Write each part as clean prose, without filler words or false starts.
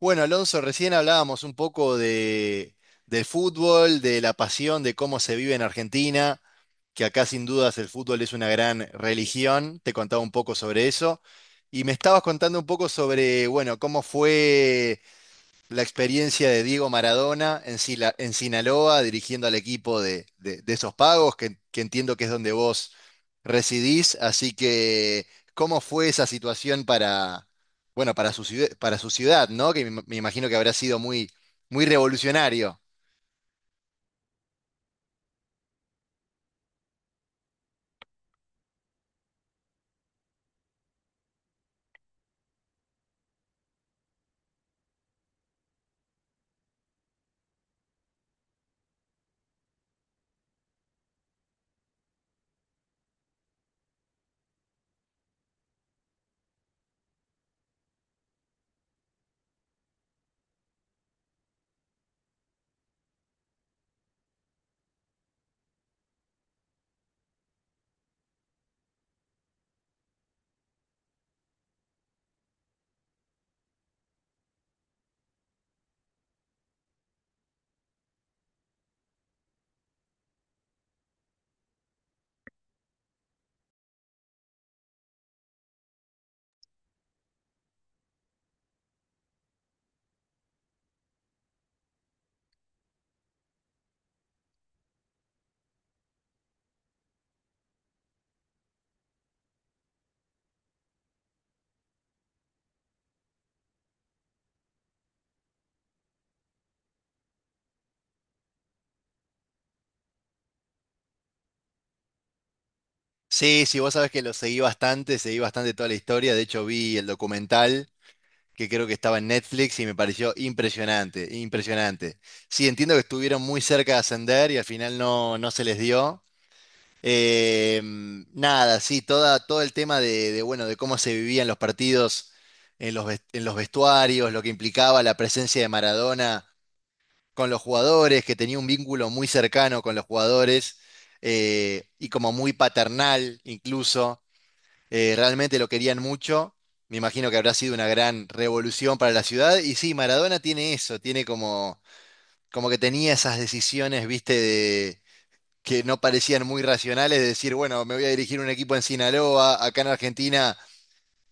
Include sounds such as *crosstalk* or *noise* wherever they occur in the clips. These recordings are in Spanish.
Bueno, Alonso, recién hablábamos un poco del fútbol, de la pasión, de cómo se vive en Argentina, que acá sin dudas el fútbol es una gran religión. Te contaba un poco sobre eso. Y me estabas contando un poco sobre, bueno, cómo fue la experiencia de Diego Maradona en Sinaloa, dirigiendo al equipo de esos pagos, que entiendo que es donde vos residís. Así que, ¿cómo fue esa situación bueno, para su ciudad? ¿No? Que me imagino que habrá sido muy, muy revolucionario. Sí, sí, vos sabés que lo seguí bastante toda la historia. De hecho, vi el documental que creo que estaba en Netflix y me pareció impresionante, impresionante. Sí, entiendo que estuvieron muy cerca de ascender y al final no, no se les dio. Eh, Nada, sí, todo el tema bueno, de cómo se vivían los partidos en los vestuarios, lo que implicaba la presencia de Maradona con los jugadores, que tenía un vínculo muy cercano con los jugadores y como muy paternal incluso. Realmente lo querían mucho. Me imagino que habrá sido una gran revolución para la ciudad. Y sí, Maradona tiene eso, tiene como que tenía esas decisiones, viste, que no parecían muy racionales, de decir, bueno, me voy a dirigir un equipo en Sinaloa. Acá en Argentina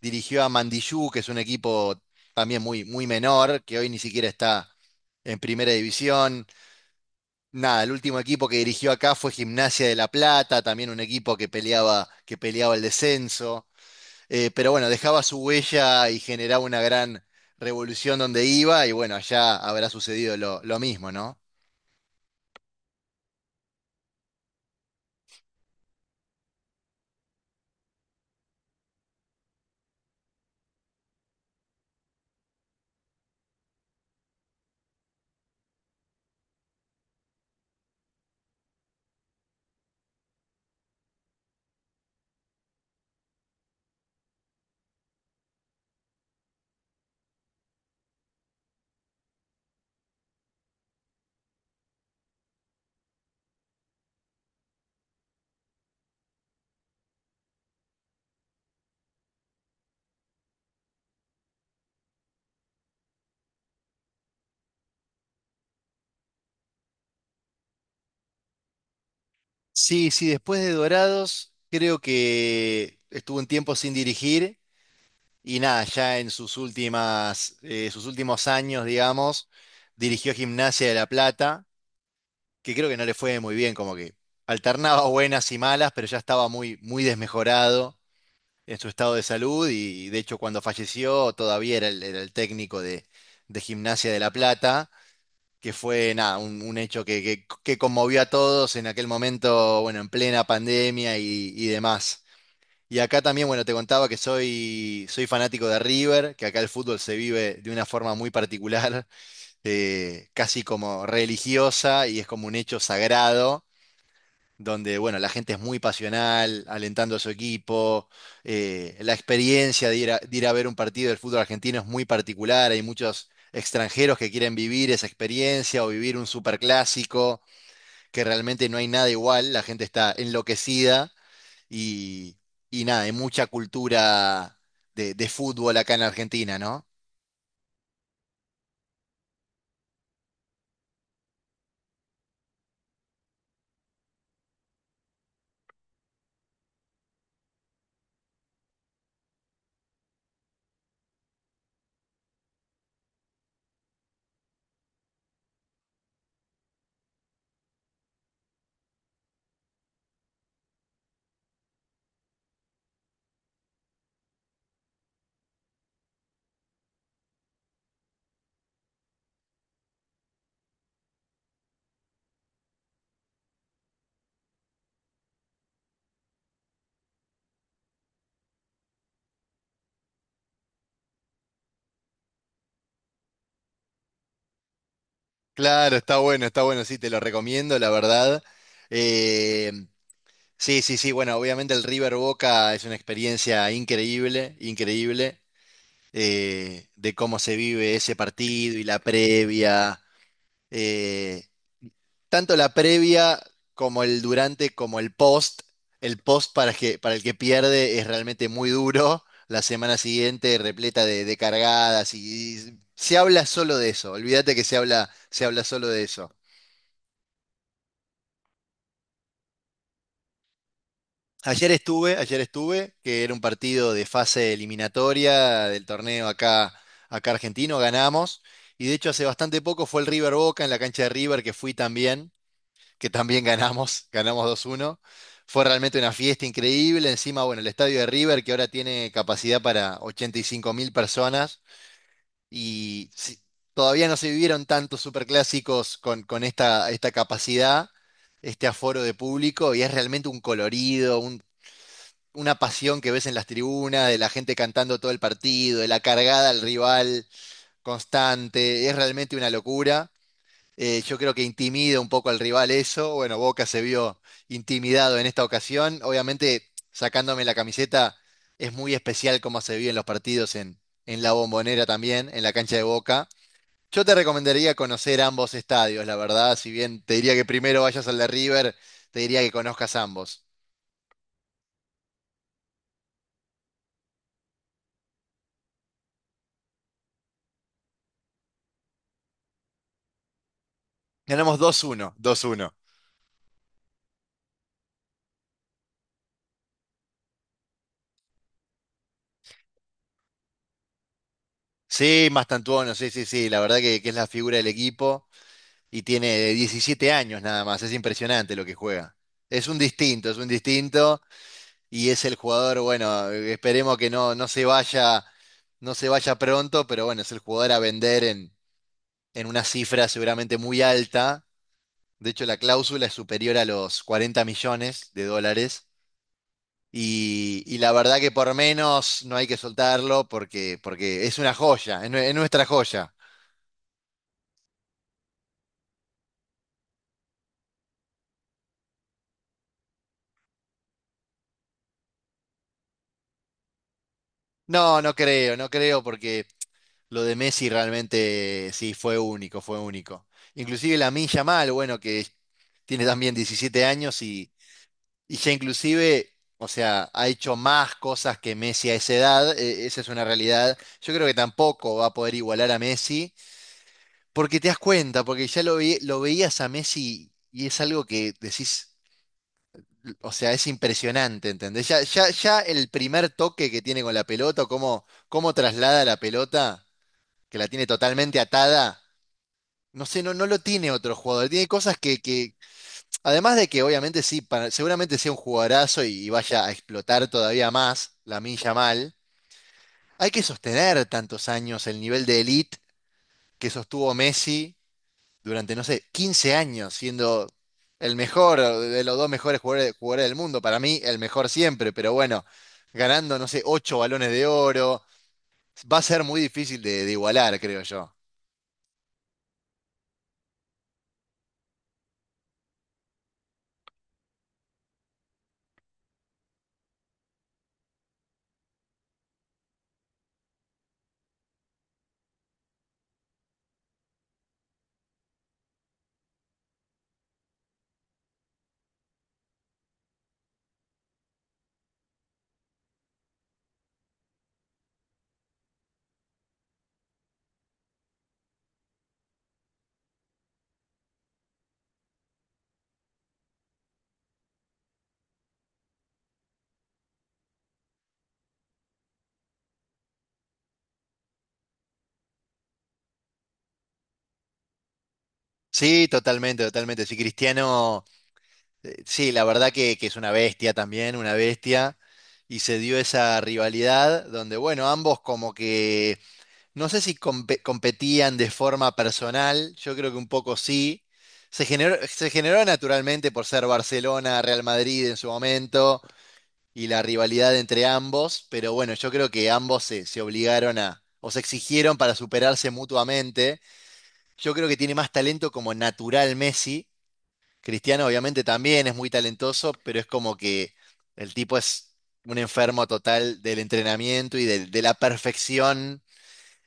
dirigió a Mandiyú, que es un equipo también muy, muy menor, que hoy ni siquiera está en primera división. Nada, el último equipo que dirigió acá fue Gimnasia de La Plata, también un equipo que peleaba el descenso. Pero bueno, dejaba su huella y generaba una gran revolución donde iba, y bueno, allá habrá sucedido lo mismo, ¿no? Sí, sí, después de Dorados, creo que estuvo un tiempo sin dirigir y nada, ya en sus últimos años, digamos, dirigió Gimnasia de La Plata, que creo que no le fue muy bien, como que alternaba buenas y malas, pero ya estaba muy, muy desmejorado en su estado de salud y, de hecho, cuando falleció todavía era era el técnico de Gimnasia de La Plata, que fue nada, un hecho que conmovió a todos en aquel momento, bueno, en plena pandemia y demás. Y acá también, bueno, te contaba que soy fanático de River, que acá el fútbol se vive de una forma muy particular, *laughs* casi como religiosa, y es como un hecho sagrado donde bueno, la gente es muy pasional, alentando a su equipo. La experiencia de ir a ver un partido del fútbol argentino es muy particular, hay muchos extranjeros que quieren vivir esa experiencia o vivir un superclásico, que realmente no hay nada igual, la gente está enloquecida y, y nada, hay mucha cultura de fútbol acá en Argentina, ¿no? Claro, está bueno, sí, te lo recomiendo, la verdad. Eh, Sí, sí, sí, bueno, obviamente el River Boca es una experiencia increíble, increíble. De cómo se vive ese partido y la previa. eh, Tanto la previa como el durante, como el post. El post para, para el que pierde es realmente muy duro, la semana siguiente repleta de cargadas, y se habla solo de eso. Olvídate, que se habla solo de eso. Ayer estuve, que era un partido de fase eliminatoria del torneo acá argentino. Ganamos. Y de hecho hace bastante poco fue el River Boca en la cancha de River, que fui también, que también ganamos, *laughs* ganamos 2-1. Fue realmente una fiesta increíble. Encima, bueno, el estadio de River que ahora tiene capacidad para 85 mil personas, y si- todavía no se vivieron tantos superclásicos con esta, capacidad, este aforo de público, y es realmente un colorido, una pasión que ves en las tribunas, de la gente cantando todo el partido, de la cargada al rival constante. Es realmente una locura. Yo creo que intimida un poco al rival eso. Bueno, Boca se vio intimidado en esta ocasión. Obviamente, sacándome la camiseta, es muy especial cómo se vio en los partidos en la Bombonera también, en la cancha de Boca. Yo te recomendaría conocer ambos estadios, la verdad. Si bien te diría que primero vayas al de River, te diría que conozcas ambos. Ganamos 2-1, 2-1. Sí, Mastantuono, sí, sí, sí, la verdad que es la figura del equipo y tiene 17 años nada más. Es impresionante lo que juega. Es un distinto, es un distinto. Y es el jugador, bueno, esperemos que no, no se vaya, no se vaya pronto, pero bueno, es el jugador a vender en una cifra seguramente muy alta. De hecho, la cláusula es superior a los $40 millones, y la verdad que por menos no hay que soltarlo, porque es una joya, es nuestra joya. No, no creo, no creo, porque lo de Messi realmente sí fue único, fue único. Inclusive la Milla Mal, bueno, que tiene también 17 años y ya inclusive, o sea, ha hecho más cosas que Messi a esa edad. Esa es una realidad. Yo creo que tampoco va a poder igualar a Messi, porque te das cuenta, porque ya lo veías a Messi y es algo que decís, o sea, es impresionante, ¿entendés? Ya, ya, ya el primer toque que tiene con la pelota, o cómo traslada la pelota. Que la tiene totalmente atada. No sé, no, no lo tiene otro jugador. Tiene cosas además de que obviamente sí, seguramente sea un jugadorazo, y vaya a explotar todavía más la milla mal. Hay que sostener tantos años el nivel de elite que sostuvo Messi durante, no sé, 15 años, siendo el mejor de los dos mejores jugadores del mundo. Para mí, el mejor siempre, pero bueno, ganando, no sé, 8 balones de oro, va a ser muy difícil de igualar, creo yo. Sí, totalmente, totalmente. Sí, Cristiano, sí, la verdad que es una bestia también, una bestia. Y se dio esa rivalidad donde, bueno, ambos como que, no sé si competían de forma personal, yo creo que un poco sí. Se generó naturalmente por ser Barcelona, Real Madrid en su momento, y la rivalidad entre ambos. Pero bueno, yo creo que ambos se obligaron o se exigieron para superarse mutuamente. Yo creo que tiene más talento como natural Messi. Cristiano obviamente también es muy talentoso, pero es como que el tipo es un enfermo total del entrenamiento y la perfección,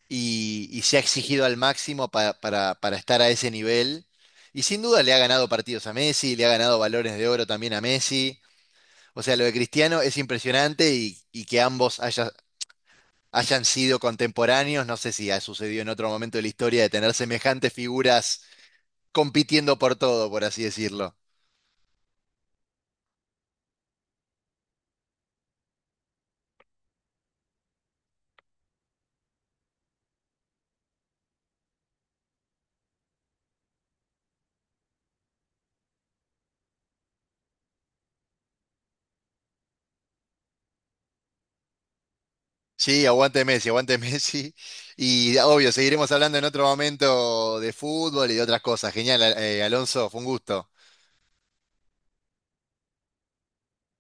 y se ha exigido al máximo para estar a ese nivel. Y sin duda le ha ganado partidos a Messi, le ha ganado balones de oro también a Messi. O sea, lo de Cristiano es impresionante, y que ambos hayan sido contemporáneos. No sé si ha sucedido en otro momento de la historia de tener semejantes figuras compitiendo por todo, por así decirlo. Sí, aguante Messi, aguante *laughs* Messi. Y obvio, seguiremos hablando en otro momento de fútbol y de otras cosas. Genial, Alonso, fue un gusto.